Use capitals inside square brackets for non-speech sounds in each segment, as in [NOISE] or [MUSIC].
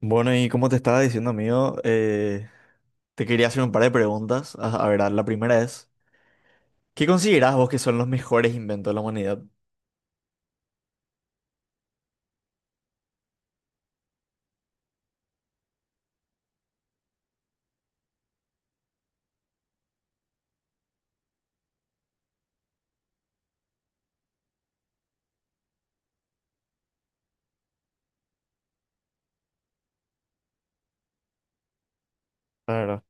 Bueno, y como te estaba diciendo, amigo, te quería hacer un par de preguntas. A ver, la primera es, ¿qué considerás vos que son los mejores inventos de la humanidad? Claro.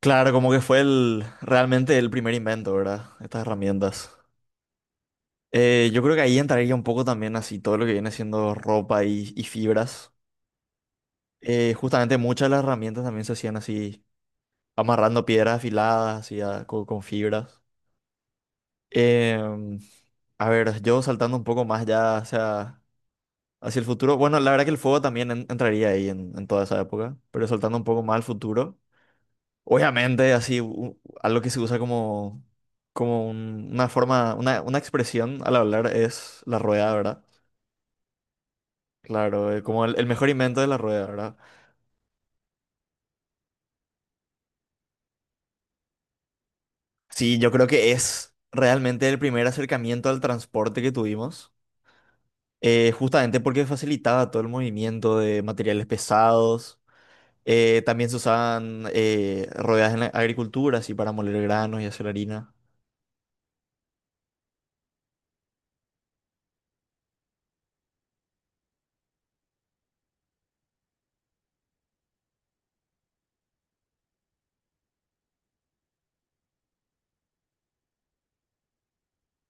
Claro, como que fue el, realmente el primer invento, ¿verdad? Estas herramientas. Yo creo que ahí entraría un poco también así todo lo que viene siendo ropa y fibras. Justamente muchas de las herramientas también se hacían así, amarrando piedras afiladas, así con, fibras. Em, a ver, yo saltando un poco más ya, o sea... hacia el futuro. Bueno, la verdad que el fuego también entraría ahí en toda esa época, pero saltando un poco más al futuro. Obviamente, así, algo que se usa como, como una forma, una expresión al hablar es la rueda, ¿verdad? Claro, como el mejor invento de la rueda, ¿verdad? Sí, yo creo que es realmente el primer acercamiento al transporte que tuvimos, justamente porque facilitaba todo el movimiento de materiales pesados. También se usaban rodajas en la agricultura, así para moler granos y hacer harina.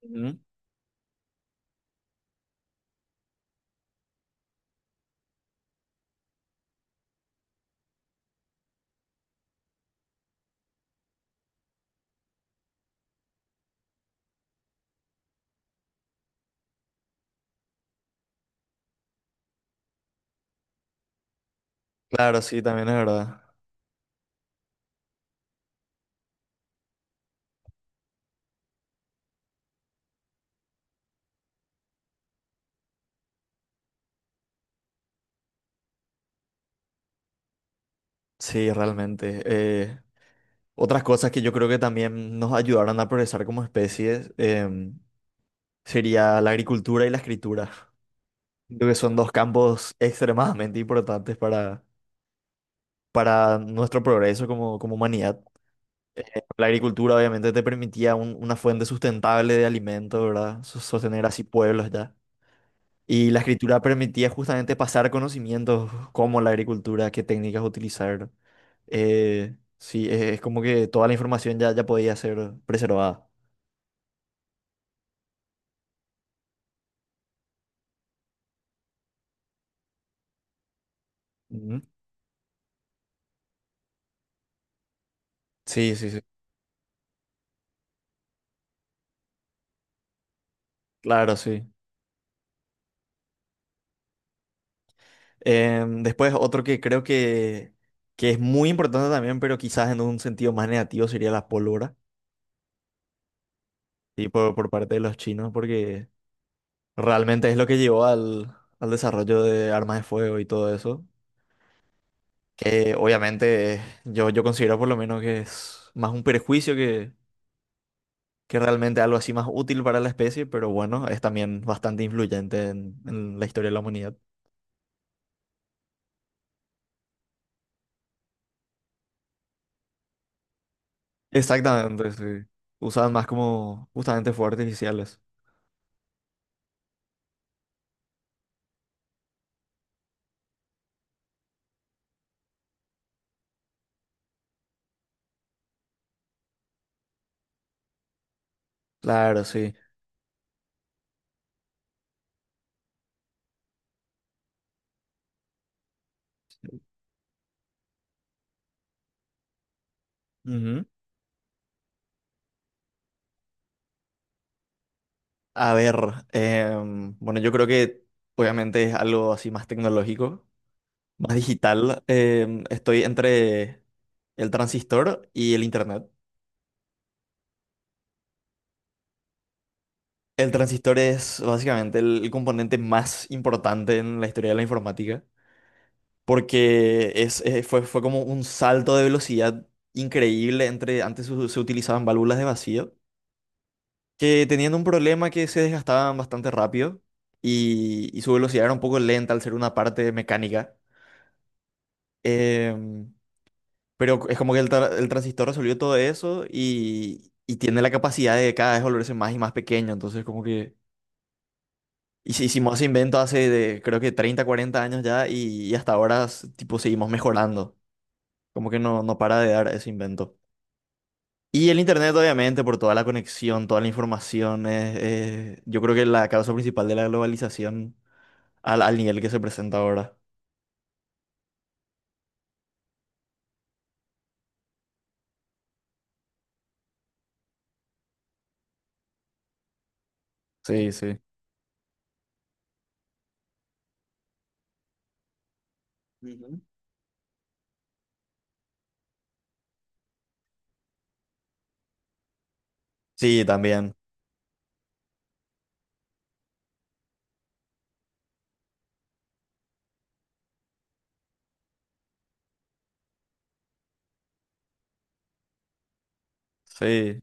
Ujú. Claro, sí, también es verdad. Sí, realmente. Otras cosas que yo creo que también nos ayudaron a progresar como especies sería la agricultura y la escritura. Creo que son dos campos extremadamente importantes para nuestro progreso como, como humanidad. Eh, la agricultura obviamente te permitía una fuente sustentable de alimento, ¿verdad? Sostener así pueblos ya. Y la escritura permitía justamente pasar conocimientos como la agricultura, qué técnicas utilizar. Sí, es como que toda la información ya, ya podía ser preservada. Ujú. Sí, sí, sí. Claro, sí. Después otro que creo que es muy importante también, pero quizás en un sentido más negativo sería la pólvora, sí, por parte de los chinos, porque realmente es lo que llevó al, al desarrollo de armas de fuego y todo eso. Que obviamente yo, yo considero por lo menos que es más un prejuicio que realmente algo así más útil para la especie, pero bueno, es también bastante influyente en la historia de la humanidad. Exactamente, sí. Usaban más como justamente fuegos artificiales. Claro, sí. Ujú. A ver, bueno, yo creo que obviamente es algo así más tecnológico, más digital. Estoy entre el transistor y el internet. El transistor es básicamente el componente más importante en la historia de la informática, porque es, fue, fue como un salto de velocidad increíble. Entre antes se, se utilizaban válvulas de vacío, que tenían un problema que se desgastaban bastante rápido y su velocidad era un poco lenta al ser una parte mecánica. Em, pero es como que el, el transistor resolvió todo eso y tiene la capacidad de cada vez volverse más y más pequeño, entonces como que... Y si hicimos ese invento hace de, creo que 30 o 40 años ya y hasta ahora tipo seguimos mejorando. Como que no, no para de dar ese invento. Y el internet obviamente por toda la conexión, toda la información, yo creo que la causa principal de la globalización al, al nivel que se presenta ahora. Sí, sí. Ujú. Sí, también. Sí.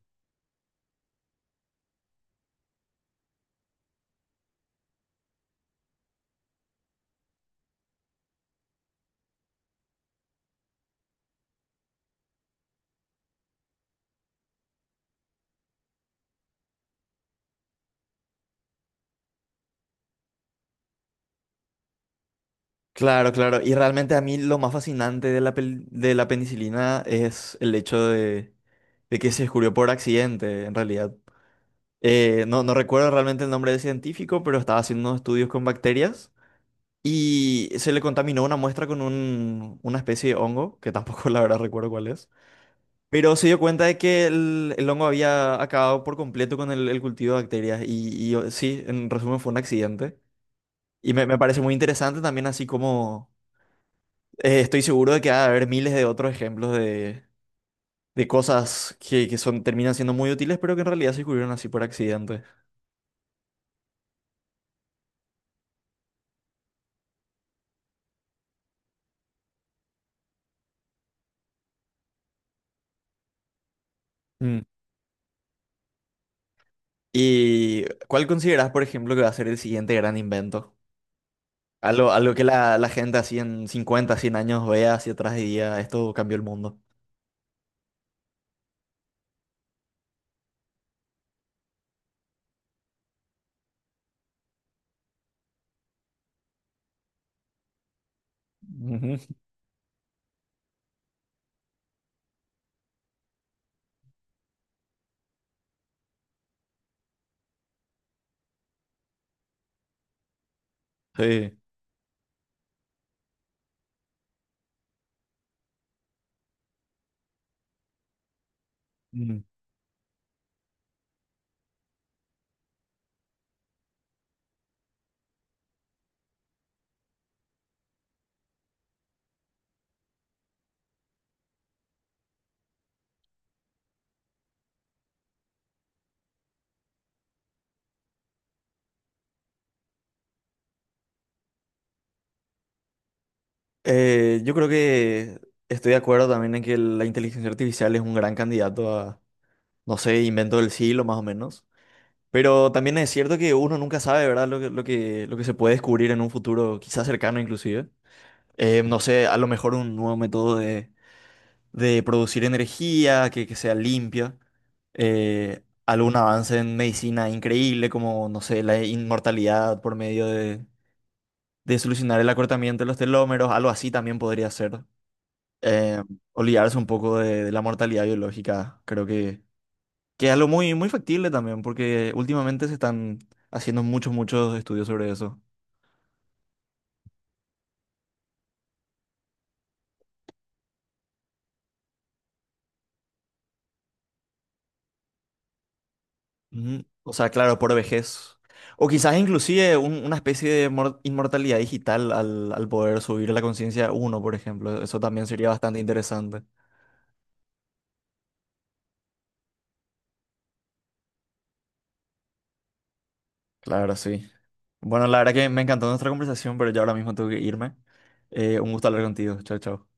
Claro, claro. Y realmente a mí lo más fascinante de la, de la penicilina es el hecho de que se descubrió por accidente, en realidad. No, no recuerdo realmente el nombre del científico, pero estaba haciendo unos estudios con bacterias y se le contaminó una muestra con una especie de hongo, que tampoco [LAUGHS] la verdad recuerdo cuál es. Pero se dio cuenta de que el hongo había acabado por completo con el cultivo de bacterias y, sí, en resumen fue un accidente. Y me parece muy interesante también así como estoy seguro de que va a haber miles de otros ejemplos de cosas que son, terminan siendo muy útiles, pero que en realidad se descubrieron así por accidente. ¿Y cuál consideras, por ejemplo, que va a ser el siguiente gran invento? Algo, algo que la gente así en 50, 100 años vea hacia atrás y diga, esto cambió el mundo. Ujú. Sí. Mm. Yo creo que estoy de acuerdo también en que la inteligencia artificial es un gran candidato a, no sé, invento del siglo más o menos. Pero también es cierto que uno nunca sabe, ¿verdad? Lo que, lo que, lo que se puede descubrir en un futuro quizás cercano inclusive. No sé, a lo mejor un nuevo método de. De producir energía que sea limpia, algún avance en medicina increíble como, no sé, la inmortalidad por medio de solucionar el acortamiento de los telómeros, algo así también podría ser. Eh, olvidarse un poco de la mortalidad biológica, creo que es algo muy, muy factible también, porque últimamente se están haciendo muchos, muchos estudios sobre eso. Ujú. O sea, claro, por vejez. O quizás inclusive una especie de inmortalidad digital al, al poder subir la conciencia a uno, por ejemplo. Eso también sería bastante interesante. Claro, sí. Bueno, la verdad que me encantó nuestra conversación, pero ya ahora mismo tengo que irme. Un gusto hablar contigo. Chao, chao.